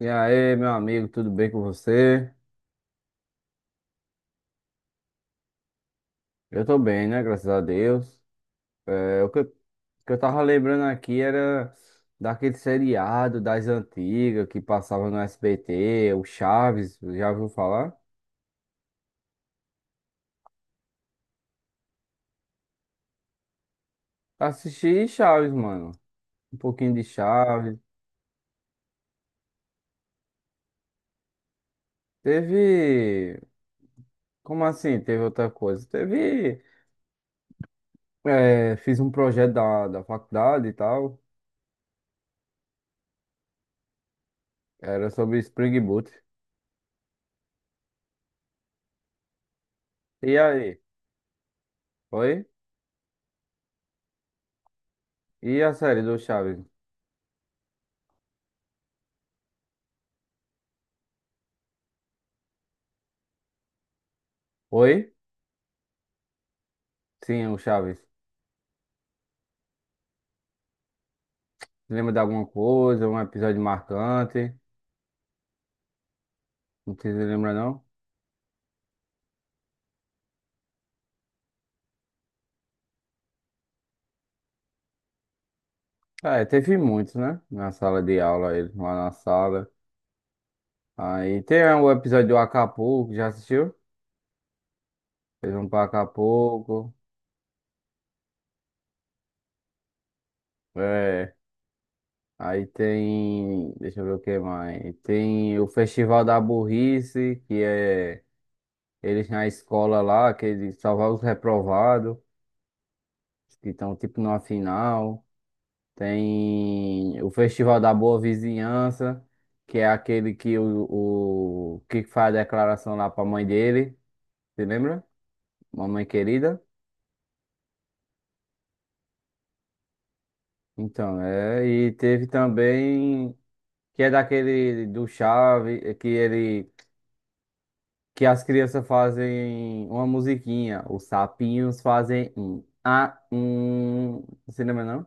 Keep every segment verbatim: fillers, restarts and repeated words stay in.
E aí, meu amigo, tudo bem com você? Eu tô bem, né? Graças a Deus. É, o que eu, o que eu tava lembrando aqui era daquele seriado das antigas que passava no S B T, o Chaves, já ouviu falar? Assisti Chaves, mano. Um pouquinho de Chaves. Teve. Como assim? Teve outra coisa? Teve. É, fiz um projeto da, da faculdade e tal. Era sobre Spring Boot. E aí? Oi? E a série do Chaves? Oi? Sim, o Chaves. Lembra de alguma coisa, um episódio marcante? Não se lembra, não? Ah, é, teve muitos, né? Na sala de aula, eles lá na sala. Aí tem, é, o episódio do Acapulco, já assistiu? Eles vão pra Acapulco. É. Aí tem. Deixa eu ver o que mais. Tem o Festival da Burrice, que é eles na escola lá, que eles salvam os reprovados, que estão tipo numa final. Tem o Festival da Boa Vizinhança, que é aquele que o, o que faz a declaração lá pra mãe dele, você lembra? Mamãe querida. Então, é, e teve também que é daquele do Chave, é que ele que as crianças fazem uma musiquinha, os sapinhos fazem um ah, um, você lembra não?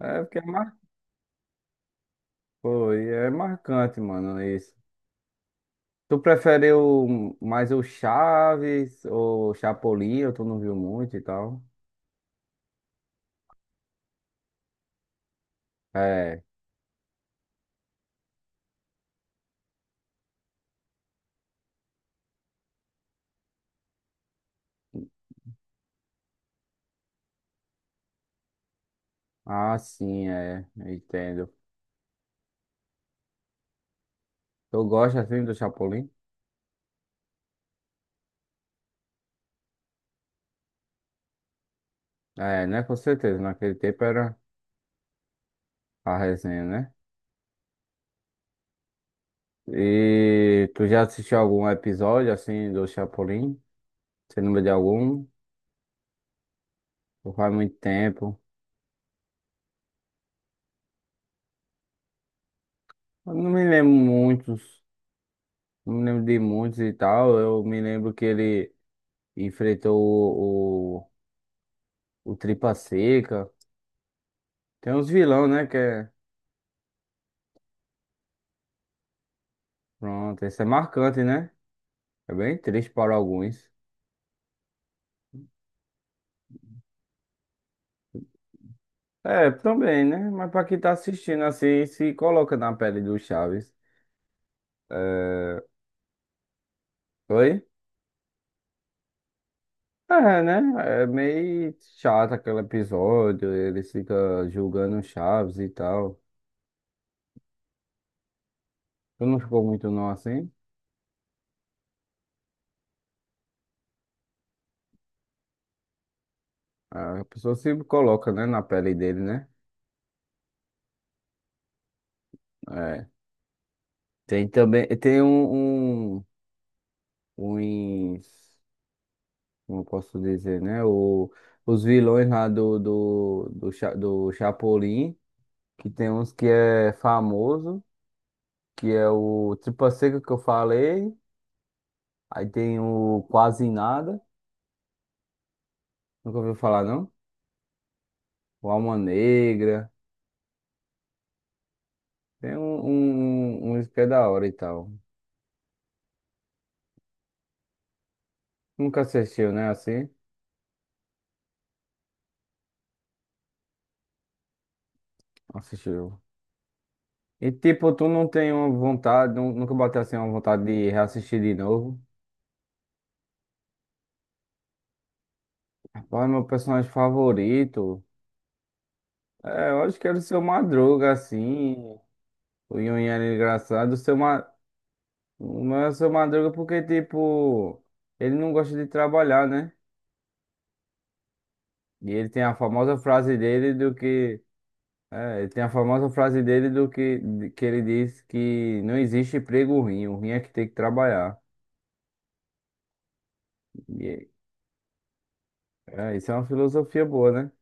É porque é mar... Foi, é marcante, mano, isso. Tu prefere o, mais o Chaves ou Chapolin? Ou tu não viu muito e tal? É. Ah, sim, é. Entendo. Tu gosta assim do Chapolin? É, né? Com certeza. Naquele tempo era a resenha, né? E tu já assistiu algum episódio assim do Chapolin? Você lembra de algum? Ou faz muito tempo. Eu não me lembro muitos. Não me lembro de muitos e tal. Eu me lembro que ele enfrentou o, o, o Tripa Seca. Tem uns vilão, né? Que é. Pronto, esse é marcante, né? É bem triste para alguns. É, também, né? Mas para quem tá assistindo assim, se coloca na pele do Chaves. É... Oi? É, né? É meio chato aquele episódio, ele fica julgando o Chaves e tal. Tu não ficou muito não assim? É, a pessoa se coloca, né, na pele dele, né? É. Tem também, tem um, um, uns, como eu posso dizer, né? O, os vilões lá do, do, do, Cha- do Chapolin, que tem uns que é famoso, que é o Tripa Seca que eu falei, aí tem o Quase Nada, nunca ouviu falar não? O Alma Negra, tem um, um, um, que é da hora e tal. Nunca assistiu, né? Assim? Assistiu. E tipo, tu não tem uma vontade, nu- nunca bateu assim uma vontade de reassistir de novo? Rapaz, meu personagem favorito. É, eu acho que era o seu Madruga, assim. O Yun era engraçado. O seu Ma... Não é o seu Madruga porque, tipo, ele não gosta de trabalhar, né? E ele tem a famosa frase dele do que. É, ele tem a famosa frase dele do que, de- que ele diz que não existe emprego ruim, o ruim é que tem que trabalhar. E, é, isso é uma filosofia boa, né?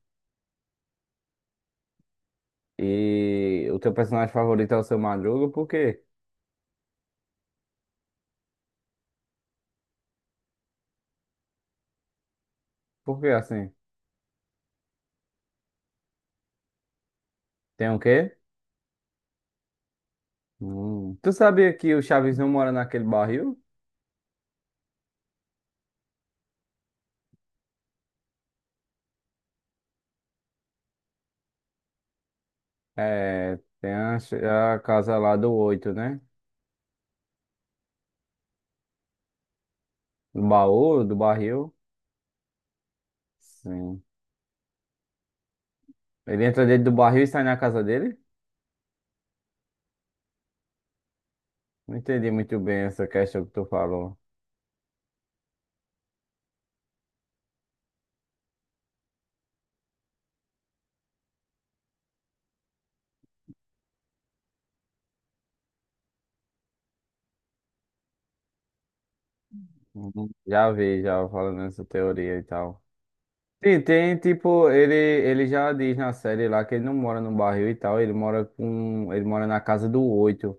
E o teu personagem favorito é o seu Madruga, por quê? Por quê assim? Tem o quê? Hum. Tu sabia que o Chaves não mora naquele barril? É, tem a, a casa lá do oito, né? Do baú, do barril. Sim. Ele entra dentro do barril e sai na casa dele? Não entendi muito bem essa questão que tu falou. Uhum. Já vi, já falando essa teoria e tal. Sim, tem tipo, ele, ele já diz na série lá que ele não mora no barril e tal, ele mora com, ele mora na casa do oito,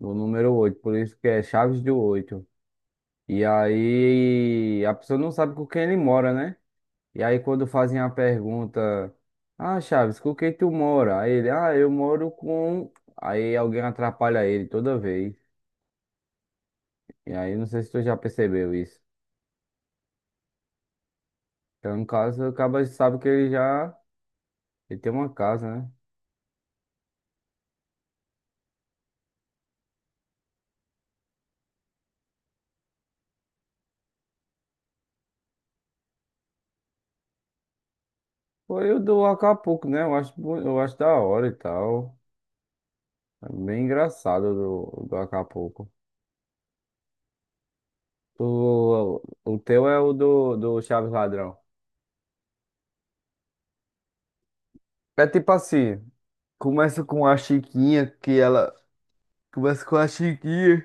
no número oito, por isso que é Chaves do oito. E aí a pessoa não sabe com quem ele mora, né? E aí quando fazem a pergunta, ah, Chaves, com quem tu mora? Aí ele, ah, eu moro com. Aí alguém atrapalha ele toda vez. E aí não sei se tu já percebeu isso. Então, no caso, acaba sabe que ele já ele tem uma casa, né? Foi o do Acapulco, né? Eu acho, bo- eu acho da hora e tal. É bem engraçado o do, do Acapulco. O, o teu é o do, do Chaves Ladrão. É tipo assim, começa com a Chiquinha, que ela começa com a Chiquinha.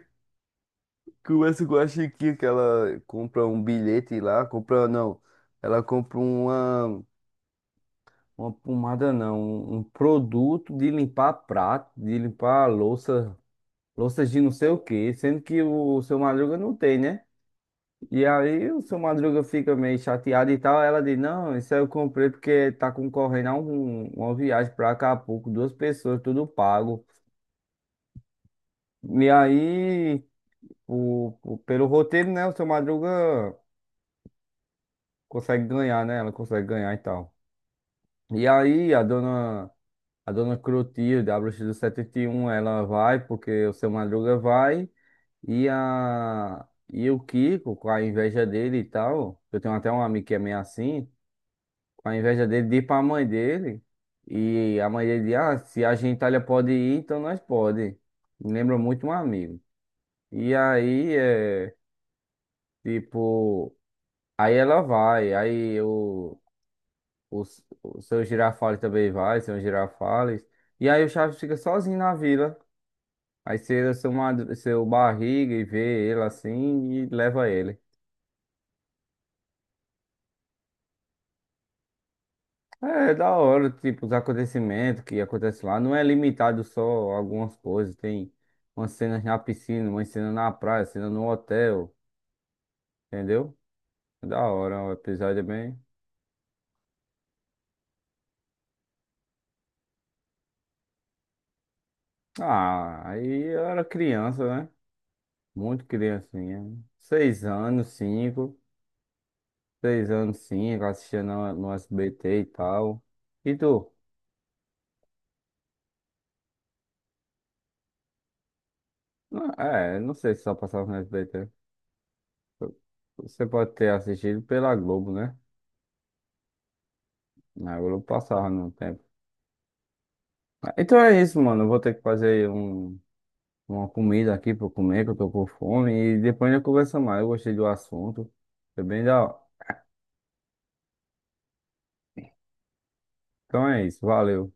Que o Wes gosta que que ela compra um bilhete lá, compra não, ela compra uma, uma pomada não, um, um produto de limpar prato, de limpar louça, louças de não sei o que sendo que o seu Madruga não tem, né? E aí o seu Madruga fica meio chateado e tal, ela diz, não, isso aí eu comprei porque tá concorrendo a um, uma viagem pra Acapulco, duas pessoas, tudo pago. E aí, o, o- pelo roteiro, né, o seu Madruga consegue ganhar, né? Ela consegue ganhar e tal. E aí a dona, a dona Clotilde, a bruxa do setenta e um, ela vai porque o seu Madruga vai e a e o Kiko, com a inveja dele e tal, eu tenho até um amigo que é meio assim, com a inveja dele, diz pra mãe dele e a mãe dele diz, ah, se a gentalha pode ir, então nós pode. Me lembra muito um amigo. E aí é tipo, aí ela vai, aí eu O, s- o seu Girafales também vai, seu Girafales. E aí o Chaves fica sozinho na vila. Aí você seu, madru- seu barriga e vê ele assim e leva ele. É, é da hora, tipo, os acontecimentos que acontecem lá. Não é limitado só a algumas coisas. Tem umas cenas na piscina, uma cena na praia, cena no hotel, entendeu? É da hora, o episódio é bem. Ah, aí eu era criança, né? Muito criancinha. Seis anos, cinco. Seis anos, sim, eu assistia no, no S B T e tal. E tu? Não, é, não sei se só passava no S B T. Você pode ter assistido pela Globo, né? Na Globo passava no tempo. Ah, então é isso, mano. Eu vou ter que fazer um, uma comida aqui pra eu comer, que eu tô com fome. E depois a gente conversa mais. Eu gostei do assunto. Foi bem da hora. Então é isso. Valeu.